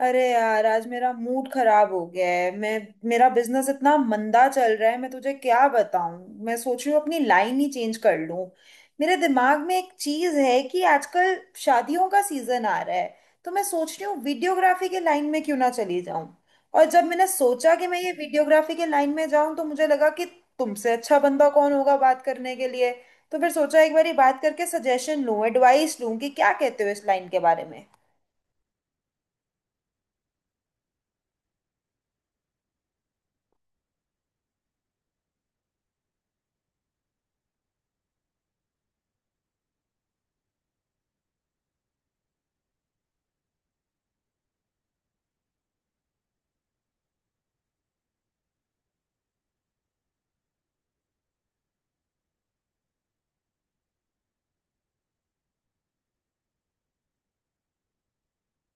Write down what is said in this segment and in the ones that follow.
अरे यार आज मेरा मूड खराब हो गया है। मैं मेरा बिजनेस इतना मंदा चल रहा है, मैं तुझे क्या बताऊं। मैं सोच रही हूँ अपनी लाइन ही चेंज कर लूं। मेरे दिमाग में एक चीज है कि आजकल शादियों का सीजन आ रहा है। तो मैं सोच रही हूँ वीडियोग्राफी के लाइन में क्यों ना चली जाऊं। और जब मैंने सोचा कि मैं ये वीडियोग्राफी के लाइन में जाऊं तो मुझे लगा कि तुमसे अच्छा बंदा कौन होगा बात करने के लिए। तो फिर सोचा एक बारी बात करके सजेशन लूं, एडवाइस लूं कि क्या कहते हो इस लाइन के बारे में।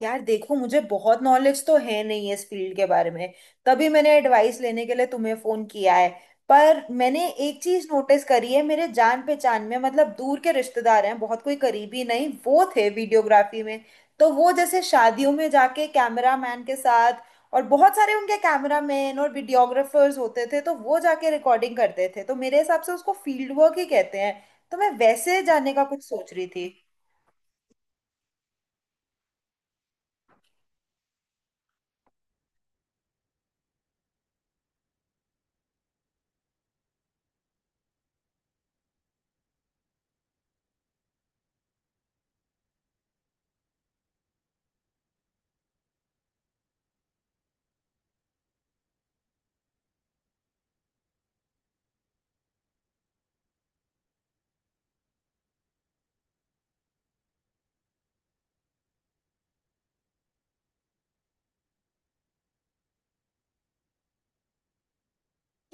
यार देखो, मुझे बहुत नॉलेज तो है नहीं इस फील्ड के बारे में। तभी मैंने एडवाइस लेने के लिए तुम्हें फोन किया है। पर मैंने एक चीज नोटिस करी है, मेरे जान पहचान में, मतलब दूर के रिश्तेदार हैं, बहुत कोई करीबी नहीं, वो थे वीडियोग्राफी में। तो वो जैसे शादियों में जाके कैमरा मैन के साथ, और बहुत सारे उनके कैमरा मैन और वीडियोग्राफर्स होते थे, तो वो जाके रिकॉर्डिंग करते थे, तो मेरे हिसाब से उसको फील्ड वर्क ही कहते हैं। तो मैं वैसे जाने का कुछ सोच रही थी।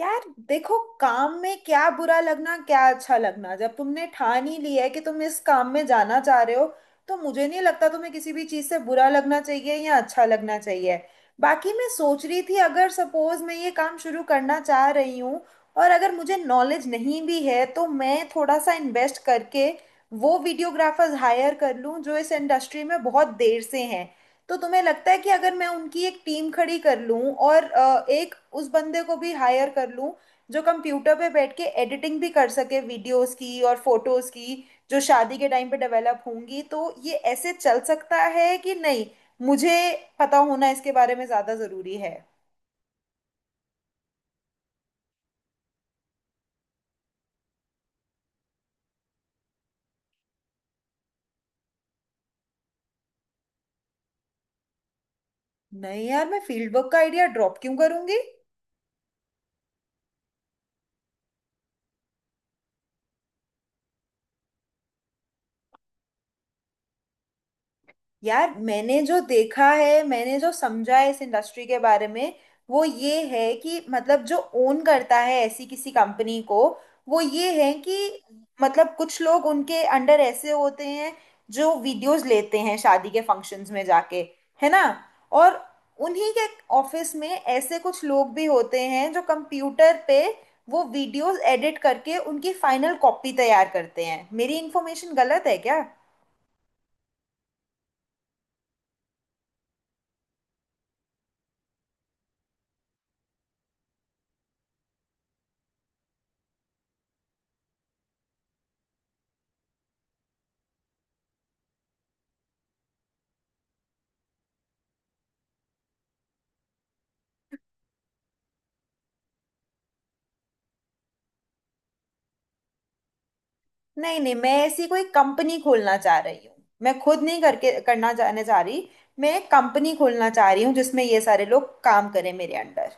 यार देखो, काम में क्या बुरा लगना क्या अच्छा लगना, जब तुमने ठान ही लिया है कि तुम इस काम में जाना चाह रहे हो तो मुझे नहीं लगता तुम्हें किसी भी चीज़ से बुरा लगना चाहिए या अच्छा लगना चाहिए। बाकी मैं सोच रही थी अगर सपोज मैं ये काम शुरू करना चाह रही हूँ, और अगर मुझे नॉलेज नहीं भी है तो मैं थोड़ा सा इन्वेस्ट करके वो वीडियोग्राफर्स हायर कर लूँ जो इस इंडस्ट्री में बहुत देर से हैं। तो तुम्हें लगता है कि अगर मैं उनकी एक टीम खड़ी कर लूं और एक उस बंदे को भी हायर कर लूं जो कंप्यूटर पे बैठ के एडिटिंग भी कर सके वीडियोस की और फोटोज की, जो शादी के टाइम पे डेवलप होंगी, तो ये ऐसे चल सकता है कि नहीं। मुझे पता होना इसके बारे में ज़्यादा ज़रूरी है। नहीं यार, मैं फील्ड वर्क का आइडिया ड्रॉप क्यों करूंगी। यार, मैंने जो देखा है, मैंने जो समझा है इस इंडस्ट्री के बारे में, वो ये है कि मतलब जो ओन करता है ऐसी किसी कंपनी को, वो ये है कि मतलब कुछ लोग उनके अंडर ऐसे होते हैं जो वीडियोस लेते हैं शादी के फंक्शंस में जाके, है ना। और उन्हीं के ऑफिस में ऐसे कुछ लोग भी होते हैं जो कंप्यूटर पे वो वीडियोस एडिट करके उनकी फाइनल कॉपी तैयार करते हैं। मेरी इन्फॉर्मेशन गलत है क्या? नहीं नहीं, मैं ऐसी कोई कंपनी खोलना चाह रही हूँ, मैं खुद नहीं करके करना जाने जा रही। मैं एक कंपनी खोलना चाह रही हूँ जिसमें ये सारे लोग काम करें मेरे अंडर।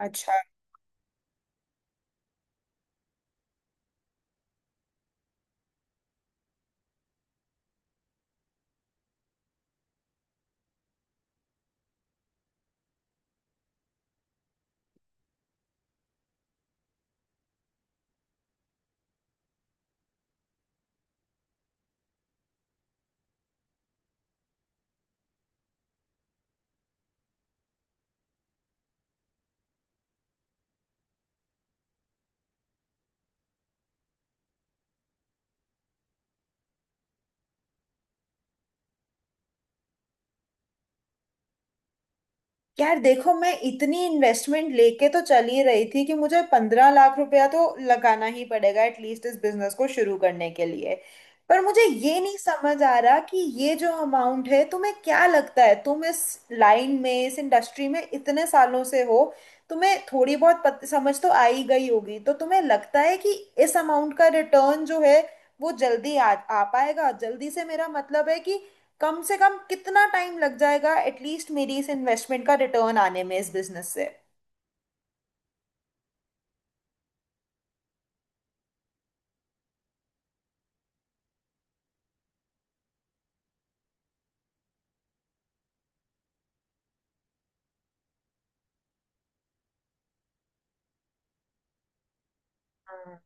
अच्छा। यार देखो, मैं इतनी इन्वेस्टमेंट लेके तो चल ही रही थी कि मुझे 15 लाख रुपया तो लगाना ही पड़ेगा एटलीस्ट इस बिजनेस को शुरू करने के लिए। पर मुझे ये नहीं समझ आ रहा कि ये जो अमाउंट है, तुम्हें क्या लगता है? तुम इस लाइन में, इस इंडस्ट्री में इतने सालों से हो, तुम्हें थोड़ी बहुत समझ तो आ ही गई होगी, तो तुम्हें लगता है कि इस अमाउंट का रिटर्न जो है वो जल्दी आ पाएगा जल्दी से? मेरा मतलब है कि कम से कम कितना टाइम लग जाएगा एटलीस्ट मेरी इस इन्वेस्टमेंट का रिटर्न आने में इस बिजनेस से। हम्म,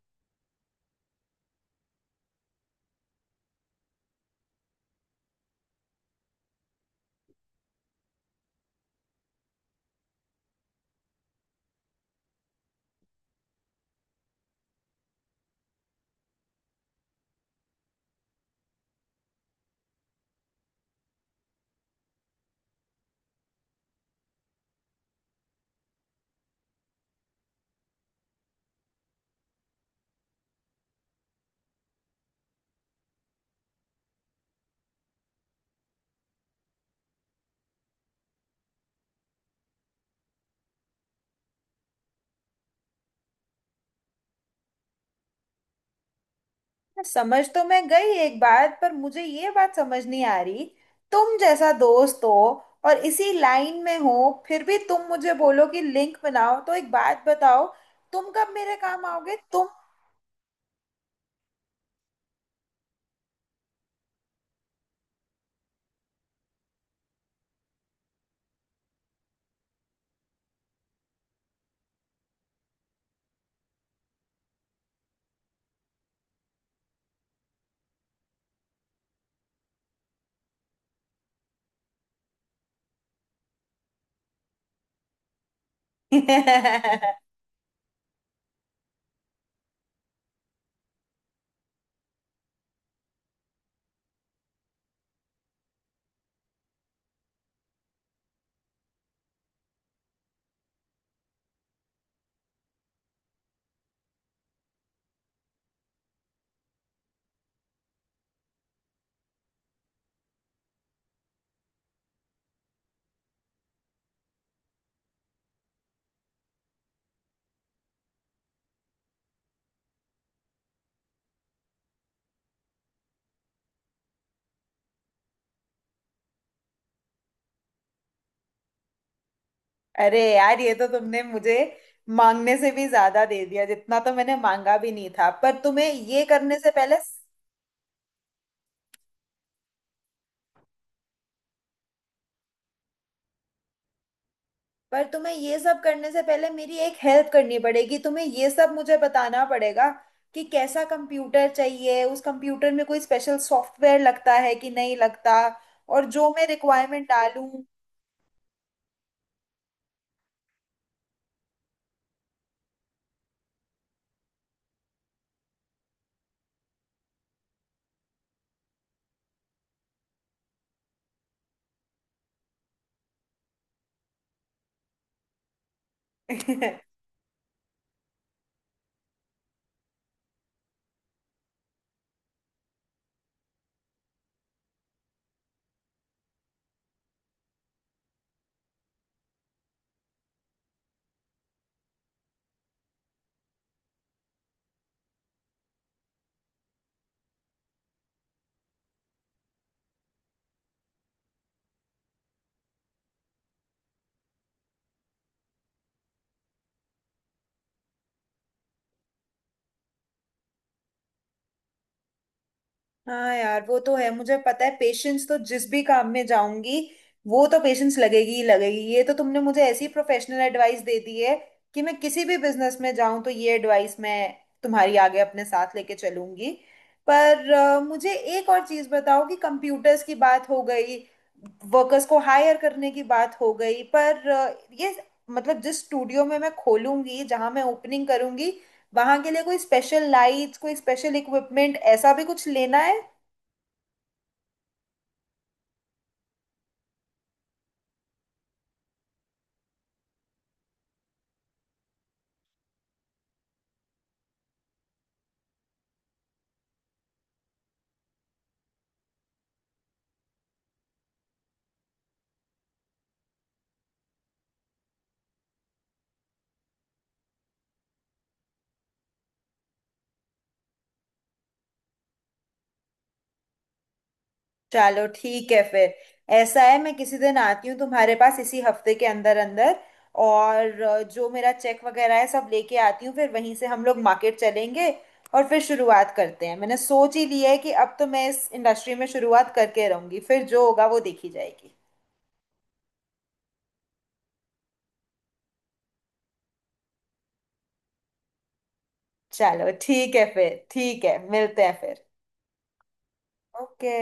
समझ तो मैं गई एक बात, पर मुझे ये बात समझ नहीं आ रही। तुम जैसा दोस्त हो और इसी लाइन में हो, फिर भी तुम मुझे बोलो कि लिंक बनाओ, तो एक बात बताओ, तुम कब मेरे काम आओगे तुम? अरे यार, ये तो तुमने मुझे मांगने से भी ज्यादा दे दिया, जितना तो मैंने मांगा भी नहीं था। पर तुम्हें ये सब करने से पहले मेरी एक हेल्प करनी पड़ेगी, तुम्हें ये सब मुझे बताना पड़ेगा कि कैसा कंप्यूटर चाहिए, उस कंप्यूटर में कोई स्पेशल सॉफ्टवेयर लगता है कि नहीं लगता, और जो मैं रिक्वायरमेंट डालूं। हाँ यार, वो तो है, मुझे पता है पेशेंस तो जिस भी काम में जाऊंगी वो तो पेशेंस लगेगी ही लगेगी। ये तो तुमने मुझे ऐसी प्रोफेशनल एडवाइस दे दी है कि मैं किसी भी बिजनेस में जाऊं तो ये एडवाइस मैं तुम्हारी, आगे अपने साथ लेके चलूंगी। पर मुझे एक और चीज बताओ कि कंप्यूटर्स की बात हो गई, वर्कर्स को हायर करने की बात हो गई, पर ये मतलब जिस स्टूडियो में मैं खोलूंगी, जहां मैं ओपनिंग करूंगी, वहां के लिए कोई स्पेशल लाइट्स, कोई स्पेशल इक्विपमेंट ऐसा भी कुछ लेना है? चलो ठीक है फिर। ऐसा है, मैं किसी दिन आती हूँ तुम्हारे पास इसी हफ्ते के अंदर अंदर, और जो मेरा चेक वगैरह है सब लेके आती हूँ, फिर वहीं से हम लोग मार्केट चलेंगे। और फिर शुरुआत करते हैं। मैंने सोच ही लिया है कि अब तो मैं इस इंडस्ट्री में शुरुआत करके रहूंगी, फिर जो होगा वो देखी जाएगी। चलो ठीक है फिर, ठीक है, मिलते हैं फिर। ओके।